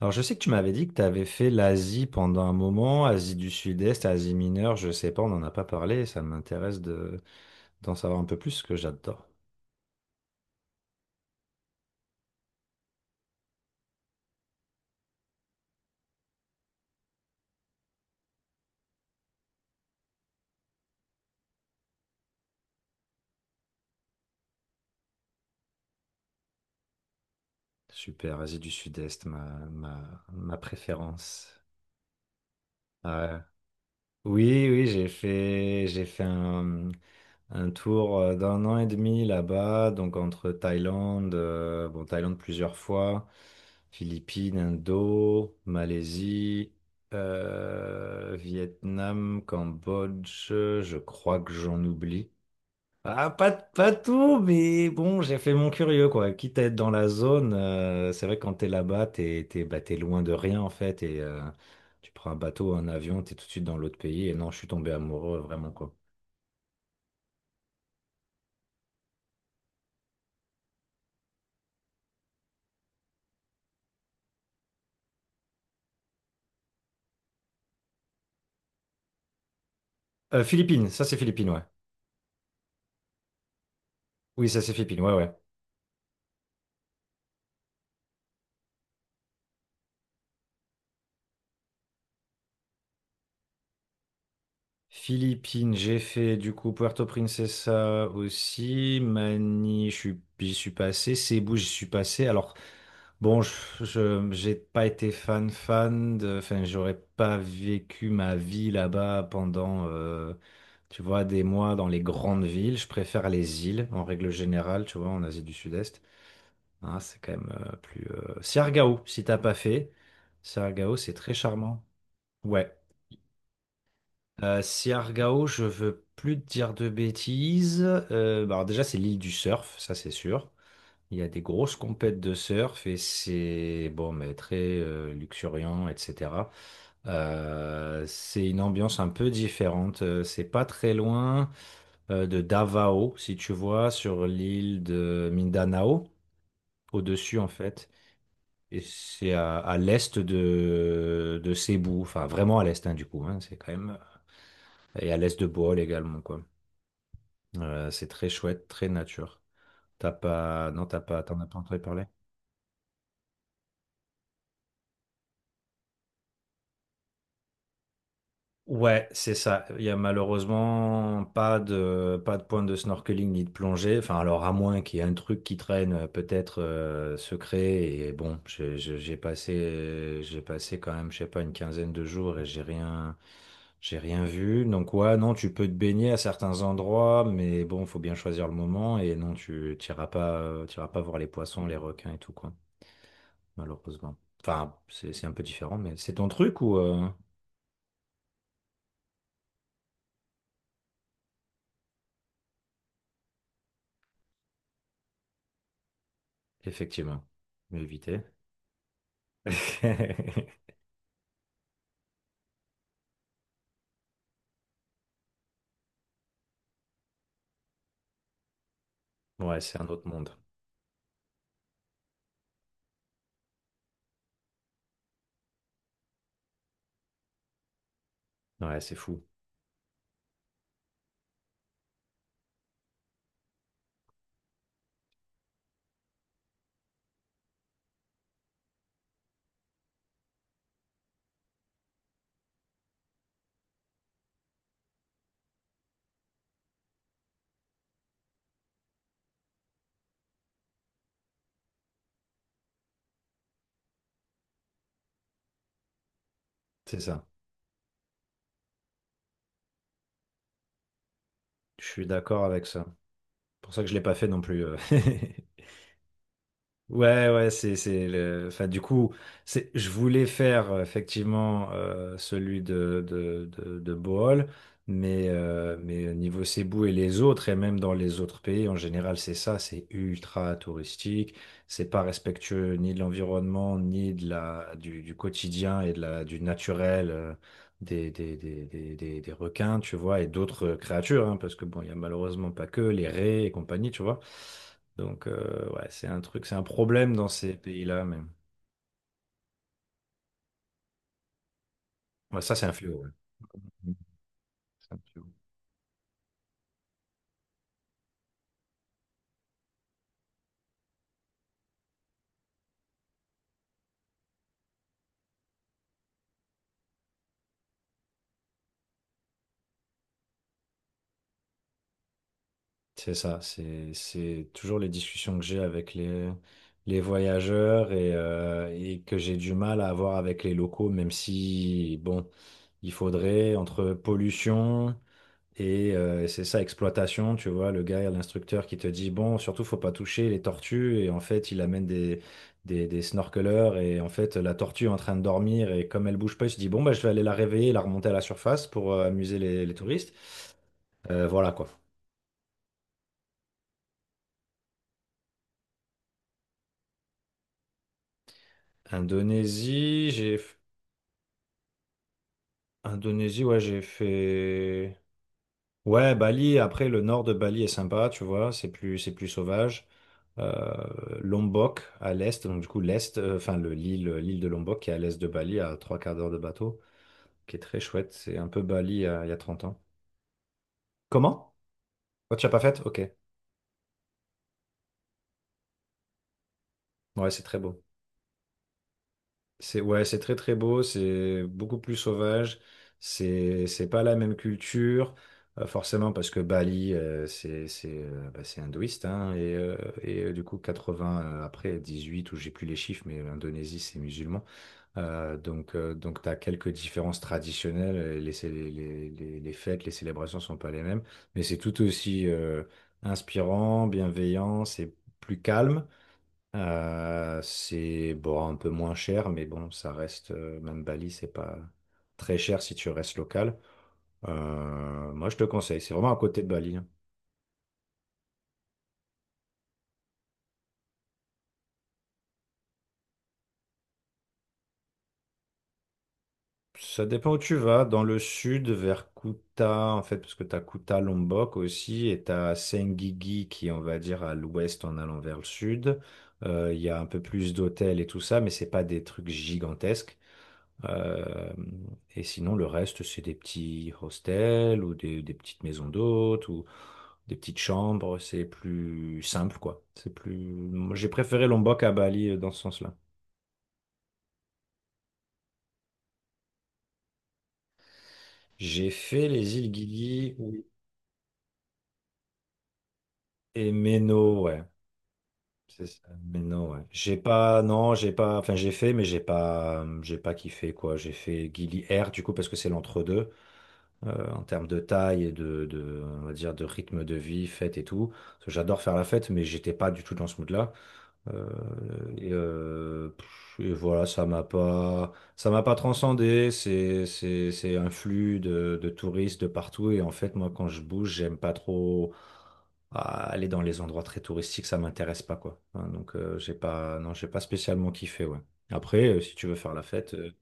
Alors, je sais que tu m'avais dit que tu avais fait l'Asie pendant un moment, Asie du Sud-Est, Asie mineure, je sais pas, on n'en a pas parlé, ça m'intéresse de d'en savoir un peu plus, que j'adore. Super, Asie du Sud-Est, ma, ma préférence. Ouais. Oui, oui, j'ai fait un tour d'1 an et demi là-bas, donc entre Thaïlande, bon, Thaïlande plusieurs fois, Philippines, Indo, Malaisie, Vietnam, Cambodge, je crois que j'en oublie. Ah, pas tout, mais bon, j'ai fait mon curieux, quoi. Quitte à être dans la zone, c'est vrai que quand t'es là-bas, bah, t'es loin de rien, en fait, et tu prends un bateau, un avion, t'es tout de suite dans l'autre pays, et non, je suis tombé amoureux, vraiment, quoi. Philippines, ça c'est Philippines, ouais. Oui, ça c'est Philippines, ouais, ouais. Philippines, j'ai fait du coup Puerto Princesa aussi. J'y suis passé. Cebu, j'y suis passé. Alors, bon, j'ai pas été fan, fan de. Enfin, j'aurais pas vécu ma vie là-bas pendant, tu vois, des mois dans les grandes villes. Je préfère les îles en règle générale, tu vois, en Asie du Sud-Est. Hein, c'est quand même plus. Siargao, si t'as pas fait. Siargao, c'est très charmant. Ouais. Siargao, je veux plus te dire de bêtises. Bah, alors déjà, c'est l'île du surf, ça c'est sûr. Il y a des grosses compètes de surf et c'est bon, mais très luxuriant, etc. C'est une ambiance un peu différente. C'est pas très loin de Davao, si tu vois, sur l'île de Mindanao, au-dessus en fait. Et c'est à l'est de Cebu, enfin vraiment à l'est, hein, du coup, hein, c'est quand même. Et à l'est de Bohol également, quoi. C'est très chouette, très nature. T'as pas, non, t'as pas, t'en as pas entendu parler? Ouais, c'est ça. Il y a malheureusement pas de point de snorkeling ni de plongée. Enfin, alors à moins qu'il y ait un truc qui traîne, peut-être secret. Et bon, j'ai passé quand même, je sais pas, une quinzaine de jours et j'ai rien vu. Donc ouais, non, tu peux te baigner à certains endroits, mais bon, faut bien choisir le moment. Et non, tu t'iras pas voir les poissons, les requins et tout, quoi. Malheureusement. Enfin, c'est un peu différent, mais c'est ton truc ou effectivement, mieux éviter. Ouais, c'est un autre monde. Ouais, c'est fou. C'est ça. Je suis d'accord avec ça. C'est pour ça que je l'ai pas fait non plus. Ouais, ouais, c'est le, enfin, du coup, c'est, je voulais faire effectivement celui de Bohol, mais au niveau Cebu et les autres, et même dans les autres pays, en général, c'est ça, c'est ultra touristique, c'est pas respectueux ni de l'environnement, ni du quotidien et du naturel, des requins, tu vois, et d'autres créatures, hein, parce que bon, il y a malheureusement pas que les raies et compagnie, tu vois. Donc, ouais, c'est un truc, c'est un problème dans ces pays-là, mais ouais, ça, c'est un fléau. Ouais. C'est ça, c'est toujours les discussions que j'ai avec les voyageurs, et que j'ai du mal à avoir avec les locaux, même si, bon, il faudrait, entre pollution, et c'est ça, exploitation, tu vois, le gars, l'instructeur qui te dit, bon, surtout, faut pas toucher les tortues, et en fait, il amène des snorkeleurs, et en fait, la tortue est en train de dormir, et comme elle bouge pas, il se dit, bon, bah, je vais aller la réveiller et la remonter à la surface pour amuser les touristes. Voilà, quoi. Indonésie, j'ai. Indonésie, ouais, j'ai fait. Ouais, Bali, après le nord de Bali est sympa, tu vois, c'est plus sauvage. Lombok à l'est, donc du coup l'est, enfin l'île de Lombok qui est à l'est de Bali, à trois quarts d'heure de bateau, qui est très chouette, c'est un peu Bali il y a 30 ans. Comment? Oh, tu l'as pas faite? Ok. Ouais, c'est très beau. C'est ouais, c'est très très beau, c'est beaucoup plus sauvage, c'est pas la même culture, forcément parce que Bali, c'est hindouiste, hein, et du coup 80, après 18 ou j'ai plus les chiffres, mais l'Indonésie c'est musulman. Donc t'as quelques différences traditionnelles, les fêtes, les célébrations sont pas les mêmes, mais c'est tout aussi inspirant, bienveillant, c'est plus calme, c'est bon, un peu moins cher, mais bon, ça reste, même Bali, c'est pas très cher si tu restes local. Moi, je te conseille, c'est vraiment à côté de Bali, hein. Ça dépend où tu vas, dans le sud, vers Kuta, en fait, parce que tu as Kuta Lombok aussi, et tu as Senggigi qui est, on va dire, à l'ouest en allant vers le sud. Il y a un peu plus d'hôtels et tout ça, mais c'est pas des trucs gigantesques. Euh, et sinon, le reste, c'est des petits hostels ou des petites maisons d'hôtes ou des petites chambres. C'est plus simple, quoi. C'est plus. Moi, j'ai préféré Lombok à Bali, dans ce sens-là. J'ai fait les îles Gili, oui, et Meno, ouais. C'est ça, Meno, ouais. J'ai pas, non, j'ai pas, enfin, j'ai fait, mais j'ai pas kiffé, quoi. J'ai fait Gili Air, du coup, parce que c'est l'entre-deux, en termes de taille et on va dire, de rythme de vie, fête et tout. Parce que j'adore faire la fête, mais j'étais pas du tout dans ce mood-là. Euh, et voilà, ça m'a pas transcendé. C'est un flux de touristes de partout. Et en fait, moi, quand je bouge, j'aime pas trop aller dans les endroits très touristiques. Ça m'intéresse pas, quoi. Hein, donc, j'ai pas, non, j'ai pas spécialement kiffé, ouais. Après, si tu veux faire la fête,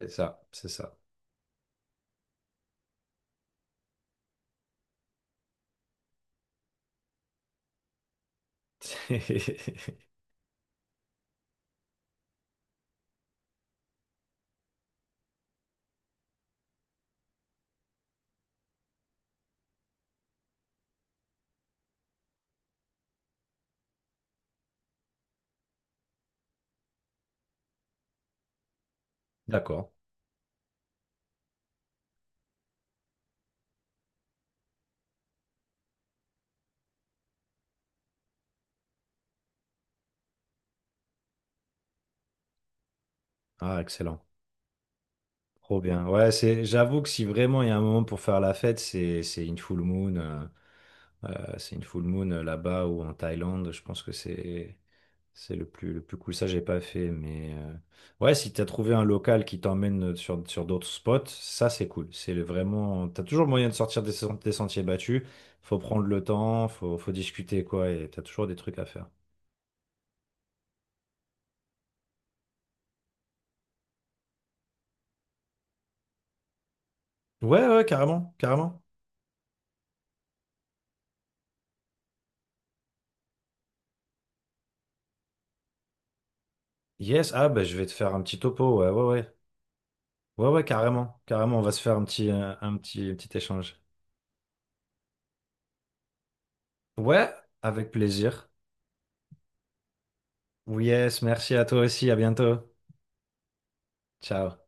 c'est ça, c'est ça. D'accord. Ah, excellent. Trop bien. Ouais, j'avoue que si vraiment il y a un moment pour faire la fête, c'est une full moon. C'est une full moon, là-bas ou en Thaïlande. Je pense que c'est le plus cool. Ça, j'ai pas fait, mais ouais, si t'as trouvé un local qui t'emmène sur d'autres spots, ça, c'est cool. Vraiment, t'as toujours moyen de sortir des sentiers battus. Faut prendre le temps, faut discuter, quoi, et t'as toujours des trucs à faire. Ouais, ouais, carrément, carrément. Yes, ah, bah, je vais te faire un petit topo. Ouais, ouais, ouais. Ouais, ouais, carrément. Carrément, on va se faire un petit échange. Ouais, avec plaisir. Yes, merci à toi aussi. À bientôt. Ciao.